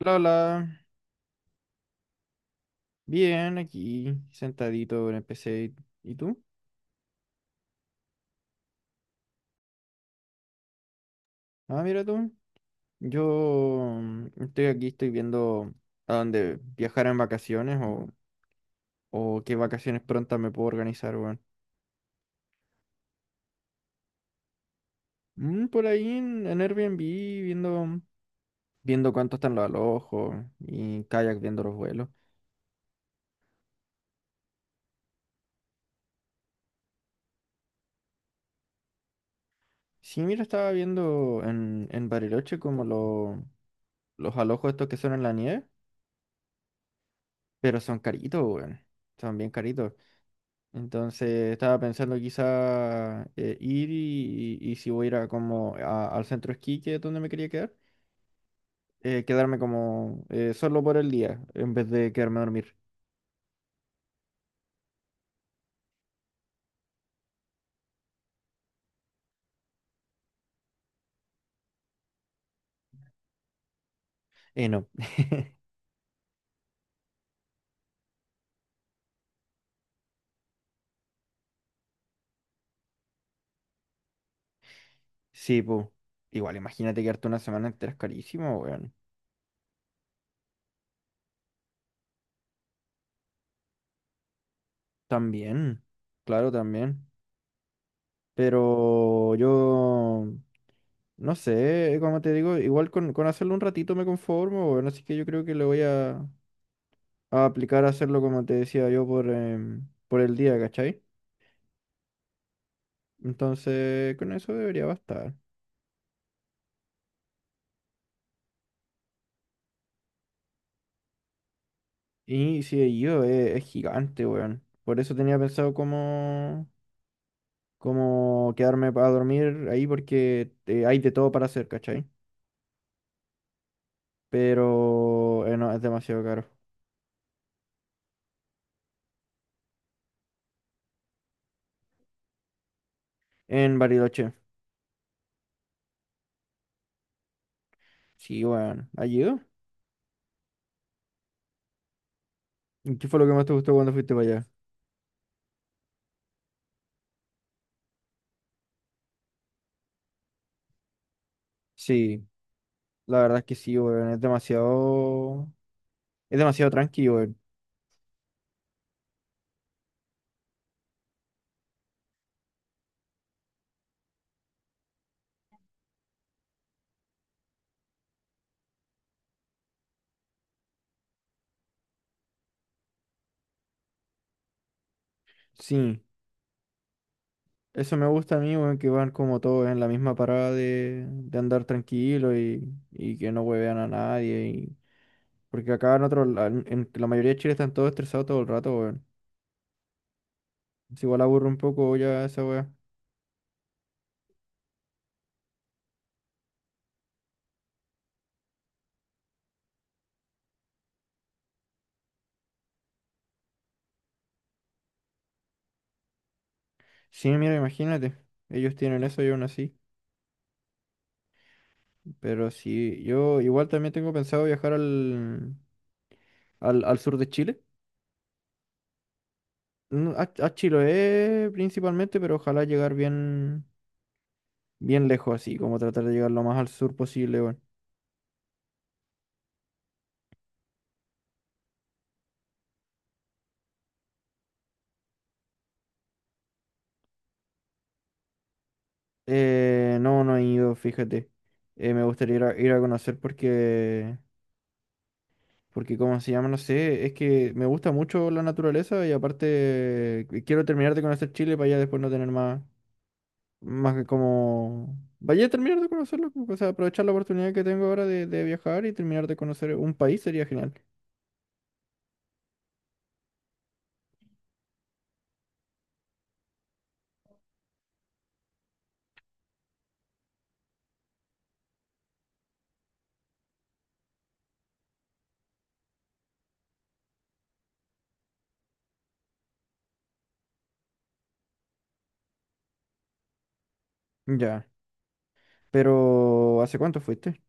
Hola, hola. Bien, aquí, sentadito en el PC. ¿Y tú? Ah, mira tú. Yo estoy aquí, estoy viendo a dónde viajar en vacaciones o qué vacaciones prontas me puedo organizar, weón. Mm, por ahí en Airbnb, viendo cuánto están los alojos y en kayak viendo los vuelos. Sí, mira, estaba viendo en Bariloche como los alojos estos que son en la nieve, pero son caritos, weón. Son bien caritos. Entonces estaba pensando quizá ir y si voy a ir a como al centro esquí que es donde me quería quedar, quedarme como solo por el día en vez de quedarme a dormir. No. Sí, pues. Igual, imagínate quedarte una semana entera es carísimo, weón. También. Claro, también. Pero yo no sé, como te digo, igual con hacerlo un ratito me conformo, weón. Así que yo creo que le voy a aplicar a hacerlo como te decía yo por por el día, ¿cachai? Entonces, con eso debería bastar. Y si he ido, es gigante, weón. Por eso tenía pensado como quedarme para dormir ahí porque hay de todo para hacer, ¿cachai? Pero no, es demasiado caro. En Bariloche. Sí, weón. ¿Has ido? ¿Y qué fue lo que más te gustó cuando fuiste para allá? Sí, la verdad es que sí, weón. Es demasiado tranquilo, weón. Sí. Eso me gusta a mí, weón, que van como todos en la misma parada de andar tranquilo y que no huevean a nadie. Porque acá en otro, en la mayoría de Chile están todos estresados todo el rato, weón. Es igual aburre un poco ya esa weá. Sí, mira, imagínate. Ellos tienen eso y aún así. Pero sí, yo igual también tengo pensado viajar al sur de Chile. A Chiloé principalmente, pero ojalá llegar bien lejos así, como tratar de llegar lo más al sur posible, weón. No, no he ido, fíjate. Me gustaría ir ir a conocer porque, ¿cómo se llama? No sé, es que me gusta mucho la naturaleza y aparte que quiero terminar de conocer Chile para ya después no tener más que como... Vaya a terminar de conocerlo, o sea, aprovechar la oportunidad que tengo ahora de viajar y terminar de conocer un país sería genial. Ya, pero ¿hace cuánto fuiste?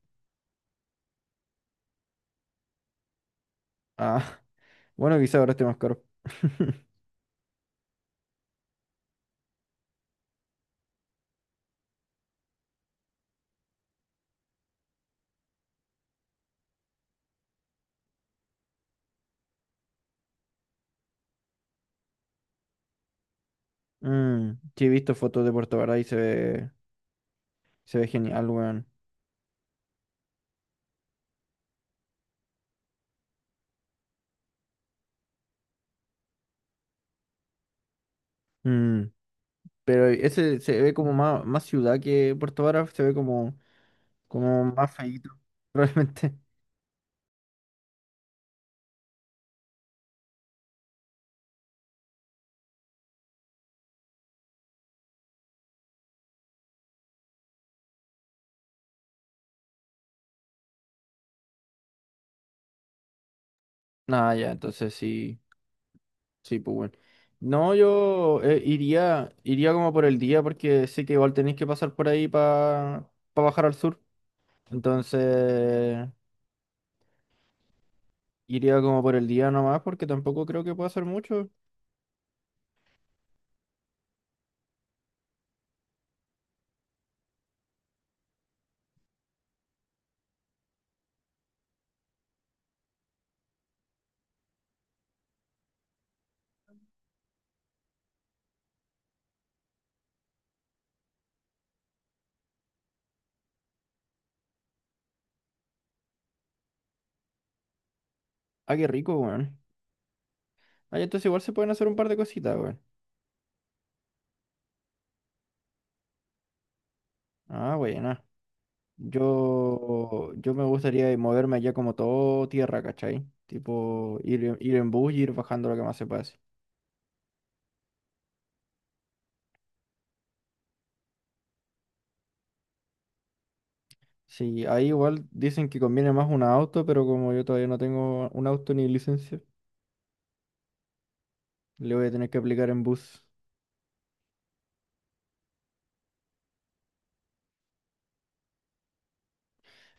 Ah, bueno, quizá ahora esté más caro. Mm, sí, he visto fotos de Puerto Varas y se se ve genial, weón. Mm, pero ese se ve como más ciudad que Puerto Vara, se ve como más feíto, probablemente. Ah ya, entonces sí, sí, pues bueno. No, yo iría como por el día porque sé que igual tenéis que pasar por ahí para bajar al sur. Entonces iría como por el día nomás porque tampoco creo que pueda hacer mucho. Ah, qué rico, weón. Ah, ya, entonces igual se pueden hacer un par de cositas, weón. Ah, bueno. Yo me gustaría moverme allá como todo tierra, ¿cachai? Tipo, ir en bus y ir bajando lo que más se pase. Sí, ahí igual dicen que conviene más un auto, pero como yo todavía no tengo un auto ni licencia, le voy a tener que aplicar en bus.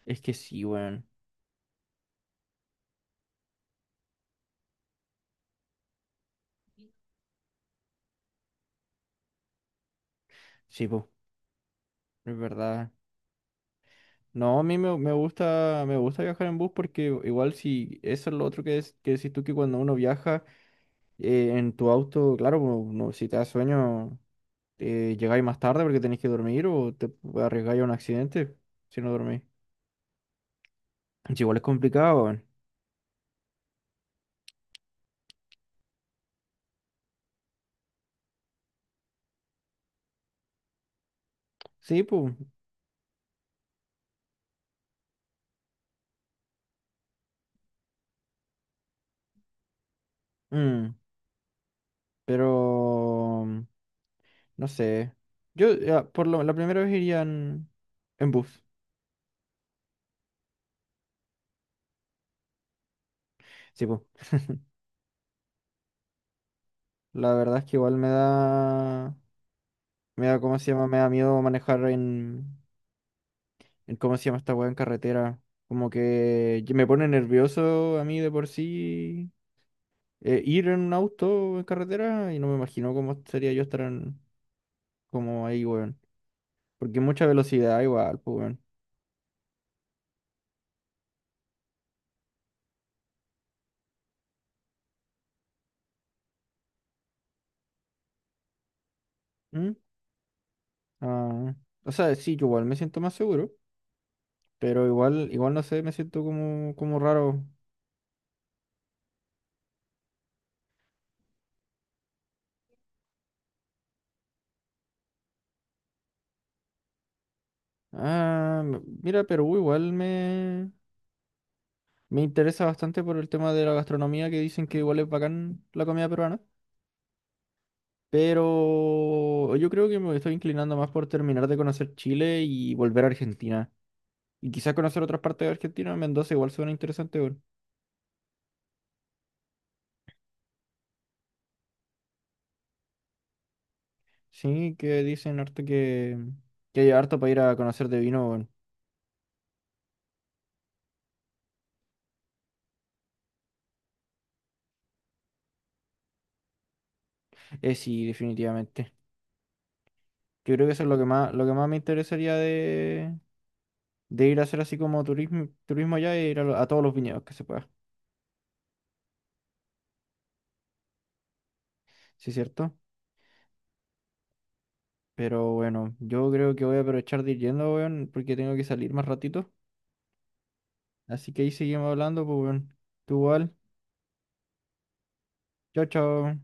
Es que sí, weón. Sí, po, es verdad. No, a me gusta viajar en bus porque igual si eso es lo otro que decís tú que cuando uno viaja en tu auto, claro, po, no, si te da sueño. Llegáis más tarde porque tenéis que dormir o te arriesgáis a un accidente si no dormís. Es igual es complicado, weón. Sí, pues. mm, pero no sé. Yo ya, por lo, la primera vez iría en bus. Sí, pues. La verdad es que igual me da. Me da, ¿cómo se llama? Me da miedo manejar en. En ¿cómo se llama esta weá en carretera? Como que me pone nervioso a mí de por sí ir en un auto en carretera y no me imagino cómo sería yo estar en, como ahí, weón. Porque mucha velocidad igual, pues, weón. ¿Mm? Ah, o sea, sí, yo igual me siento más seguro, pero igual no sé, me siento como raro. Ah, mira, Perú igual me interesa bastante por el tema de la gastronomía, que dicen que igual es bacán la comida peruana. Pero yo creo que me estoy inclinando más por terminar de conocer Chile y volver a Argentina. Y quizás conocer otras partes de Argentina, Mendoza igual suena interesante, weón. Sí, que dicen harto que hay harto para ir a conocer de vino, bueno. Sí, definitivamente. Yo creo que eso es lo que más me interesaría de ir a hacer así como turismo, turismo allá e ir a todos los viñedos que se pueda. Sí, cierto. Pero bueno, yo creo que voy a aprovechar de ir yendo, weón, porque tengo que salir más ratito. Así que ahí seguimos hablando, pues, weón. Tú igual. Chao, chao.